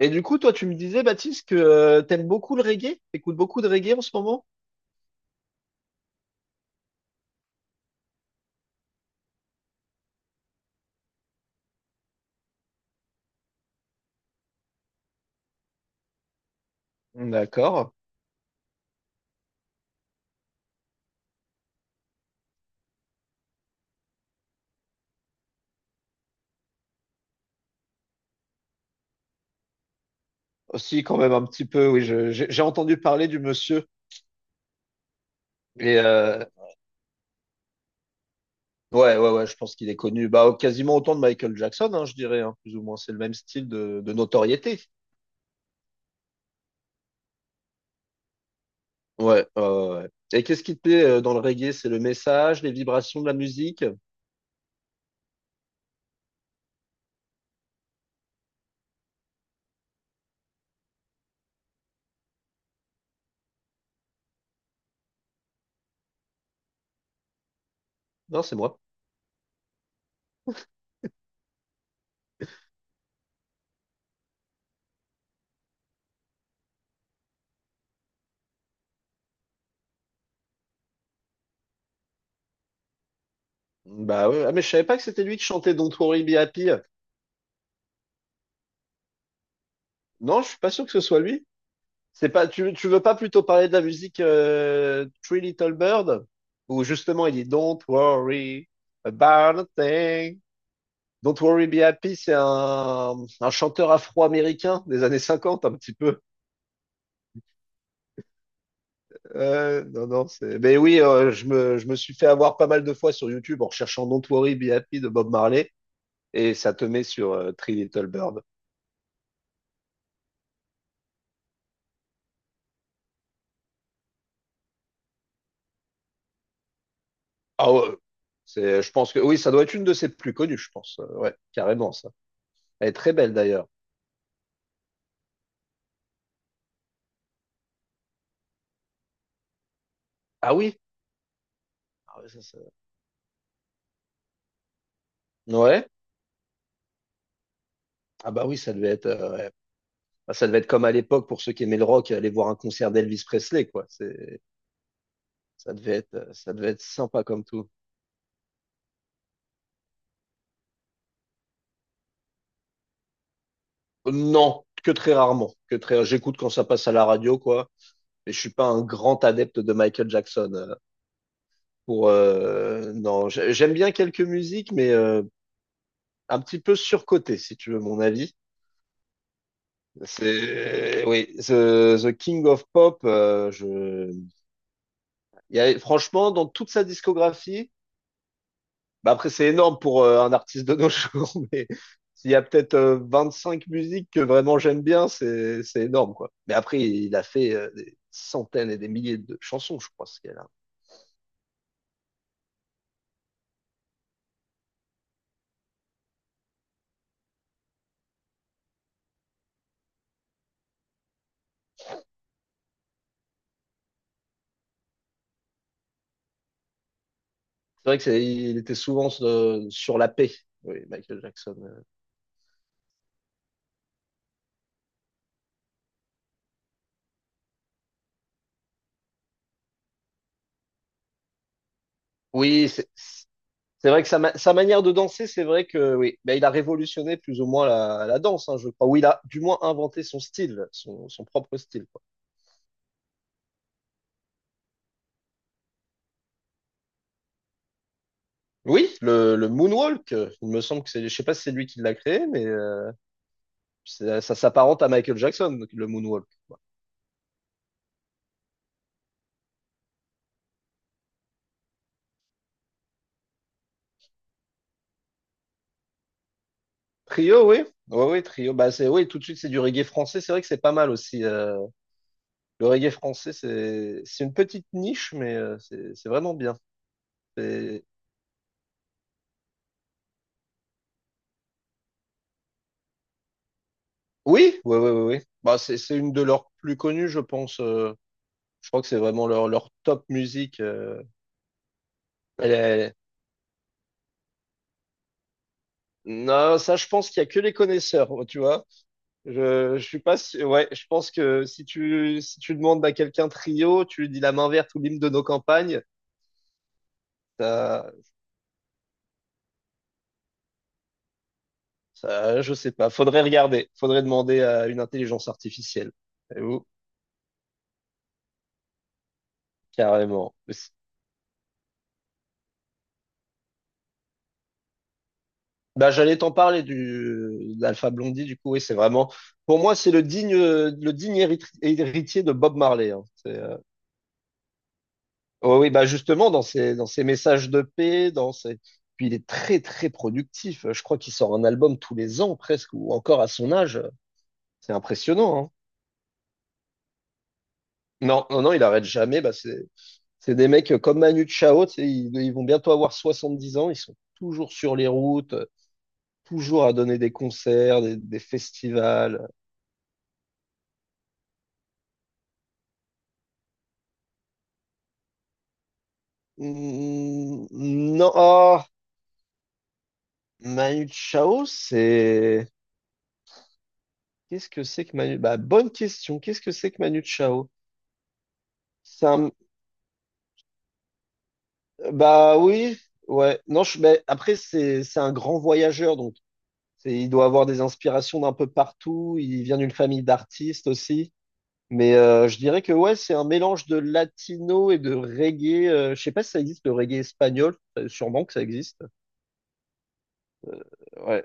Et du coup, toi, tu me disais, Baptiste, que t'aimes beaucoup le reggae? T'écoutes beaucoup de reggae en ce moment? D'accord. Aussi, quand même, un petit peu, oui, j'ai entendu parler du monsieur. Et ouais, ouais, ouais, je pense qu'il est connu. Bah, quasiment autant de Michael Jackson, hein, je dirais, hein, plus ou moins. C'est le même style de notoriété. Ouais, ouais, ouais. Ouais. Et qu'est-ce qui te plaît dans le reggae? C'est le message, les vibrations de la musique? Non, c'est moi. Bah ouais, ah, mais je savais pas que c'était lui qui chantait Don't Worry Be Happy. Non, je suis pas sûr que ce soit lui. C'est pas, tu veux pas plutôt parler de la musique Three Little Bird, où justement il dit Don't worry about a thing. Don't worry be happy, c'est un chanteur afro-américain des années 50 un petit peu. Non, non, c'est. Mais oui, je me suis fait avoir pas mal de fois sur YouTube en recherchant Don't worry be happy de Bob Marley, et ça te met sur Three Little Bird. Ah ouais, c'est, je pense que oui, ça doit être une de ses plus connues, je pense. Ouais, carrément ça. Elle est très belle d'ailleurs. Ah oui. Ah ouais, ça- Ouais. Ah bah oui, ça devait être, ouais. Bah, ça devait être comme à l'époque pour ceux qui aimaient le rock, aller voir un concert d'Elvis Presley, quoi. C'est, ça devait être sympa comme tout. Non, que très rarement. Que très, j'écoute quand ça passe à la radio, quoi. Mais je suis pas un grand adepte de Michael Jackson. Non, j'aime bien quelques musiques, mais un petit peu surcoté, si tu veux mon avis. C'est, oui, The King of Pop. Il y a, franchement, dans toute sa discographie. Bah après, c'est énorme pour un artiste de nos jours, mais s'il y a peut-être cinq musiques que vraiment j'aime bien, c'est énorme, quoi. Mais après, il a fait des centaines et des milliers de chansons, je crois, ce qu'il a. C'est vrai que il était souvent sur la paix, oui, Michael Jackson. Oui, c'est vrai que sa manière de danser, c'est vrai que oui, bah, il a révolutionné plus ou moins la danse, hein, je crois. Ou il a du moins inventé son style, son propre style, quoi. Oui, le moonwalk, il me semble que c'est, je sais pas si c'est lui qui l'a créé, mais ça s'apparente à Michael Jackson, le moonwalk. Trio, oui. Oui, oui, trio. Bah, c'est, oui, tout de suite, c'est du reggae français. C'est vrai que c'est pas mal aussi. Le reggae français, c'est une petite niche, mais c'est vraiment bien. C'est- Oui, oui, oui, oui. Oui. Bah, c'est une de leurs plus connues, je pense. Je crois que c'est vraiment leur top musique. Elle est- Non, ça, je pense qu'il y a que les connaisseurs, tu vois. Je suis pas sûr- Ouais, je pense que si tu, demandes à quelqu'un trio, tu lui dis la main verte ou l'hymne de nos campagnes. T'as- Ça, je sais pas. Faudrait regarder. Faudrait demander à une intelligence artificielle. Et vous, carrément. Mais c'est- Bah, j'allais t'en parler d'Alpha Blondie, du coup, oui, c'est vraiment, pour moi, c'est le digne, héritier de Bob Marley. Hein. Oh oui, bah, justement, dans ses messages de paix, puis il est très, très productif. Je crois qu'il sort un album tous les ans, presque, ou encore à son âge. C'est impressionnant, hein. Non, non, non, il arrête jamais. Bah, c'est des mecs comme Manu Chao, tu sais, ils vont bientôt avoir 70 ans, ils sont toujours sur les routes, toujours à donner des concerts, des festivals. Mm, non, ah, Manu Chao, c'est... Qu'est-ce que c'est que Manu... Bah, bonne question, qu'est-ce que c'est que Manu Chao? C'est un- Bah oui, ouais. Non, je... mais après, c'est un grand voyageur, donc il doit avoir des inspirations d'un peu partout, il vient d'une famille d'artistes aussi. Mais je dirais que ouais, c'est un mélange de latino et de reggae. Je sais pas si ça existe, le reggae espagnol. Sûrement que ça existe. Euh, ouais,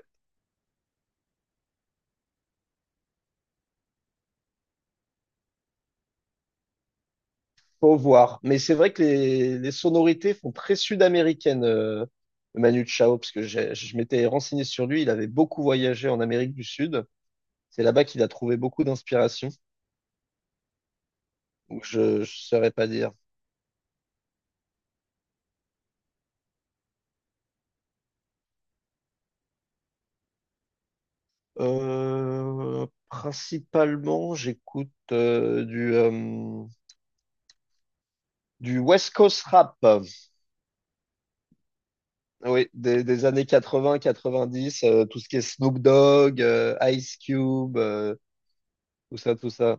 faut voir. Mais c'est vrai que les sonorités font très sud-américaines, Manu Chao, parce que je m'étais renseigné sur lui. Il avait beaucoup voyagé en Amérique du Sud. C'est là-bas qu'il a trouvé beaucoup d'inspiration. Donc je saurais pas dire. Principalement, j'écoute du West Coast rap. Oui, des années 80, 90, tout ce qui est Snoop Dogg, Ice Cube, tout ça, tout ça.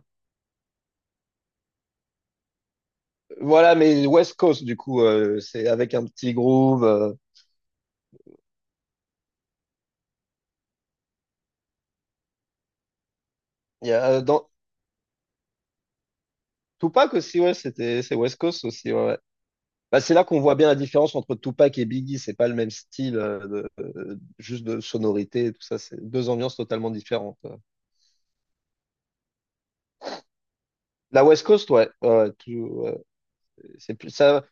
Voilà, mais West Coast, du coup, c'est avec un petit groove. Il y a, dans... Tupac aussi, ouais, c'était, c'est West Coast aussi, ouais. Ouais. Bah, c'est là qu'on voit bien la différence entre Tupac et Biggie. C'est pas le même style, juste de sonorité et tout ça. C'est deux ambiances totalement différentes. La West Coast, ouais, ouais, ouais, tout, ouais, c'est plus ça.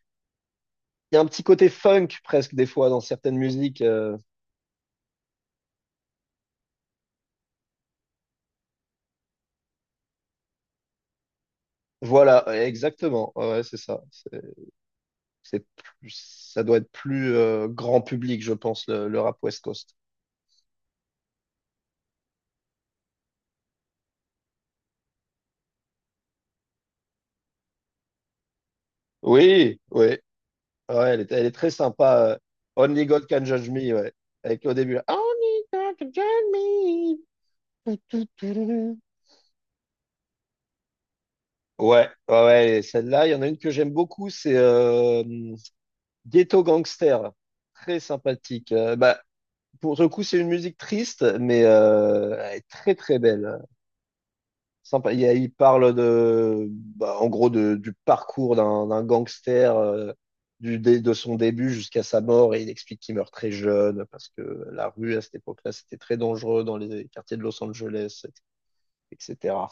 Il y a un petit côté funk presque des fois dans certaines musiques. Voilà, exactement. Ouais, ouais, c'est ça. C'est ça doit être plus grand public, je pense, le rap West Coast. Oui, oui. Ouais, elle est très sympa. Only God Can Judge Me, ouais. Avec le début, là, Only God Can Judge Me. Tout, tout, tout, tout, tout. Ouais, ouais, ouais, et celle-là, il y en a une que j'aime beaucoup, c'est Ghetto Gangster. Très sympathique. Bah, pour le coup, c'est une musique triste, mais elle est très très belle. Sympa. Il parle de, bah, en gros de- du parcours d'un gangster, de son début jusqu'à sa mort, et il explique qu'il meurt très jeune parce que la rue à cette époque-là, c'était très dangereux dans les quartiers de Los Angeles, etc.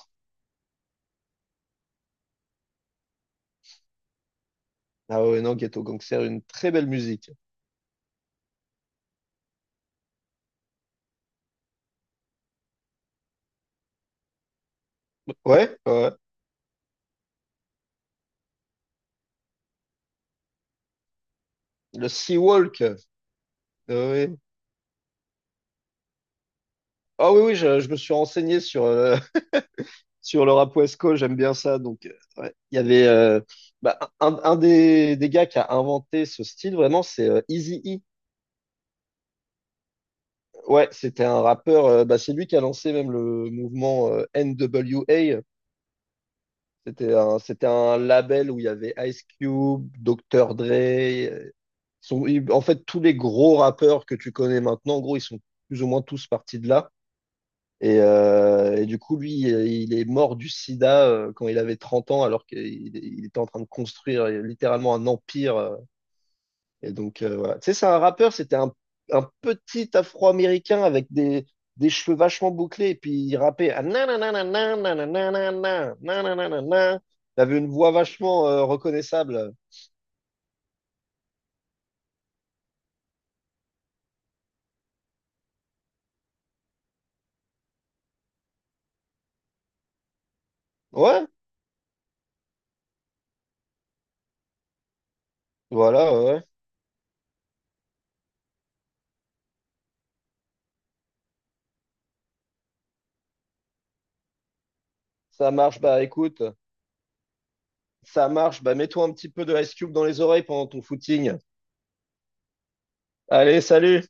Ah ouais, non, Ghetto Gangster, une très belle musique. Ouais, ouais. Le Sea Walk. Ah oui, ah oui, oui, je me suis renseigné sur, sur le rap West Coast, j'aime bien ça. Donc, ouais, il y avait bah, un des gars qui a inventé ce style, vraiment, c'est Eazy E. Ouais, c'était un rappeur, bah, c'est lui qui a lancé même le mouvement NWA. C'était un label où il y avait Ice Cube, Dr. Dre. En fait, tous les gros rappeurs que tu connais maintenant, en gros, ils sont plus ou moins tous partis de là. Et du coup, lui, il est mort du sida quand il avait 30 ans, alors qu'il il était en train de construire littéralement un empire. Et donc, voilà. Tu sais, c'est un rappeur, c'était un, petit Afro-Américain avec des cheveux vachement bouclés, et puis il rappait. Ah, nananana, nananana, nananana. Il avait une voix vachement reconnaissable. Ouais, voilà, ouais. Ouais. Ça marche, bah écoute, ça marche, bah mets-toi un petit peu de Ice Cube dans les oreilles pendant ton footing. Allez, salut!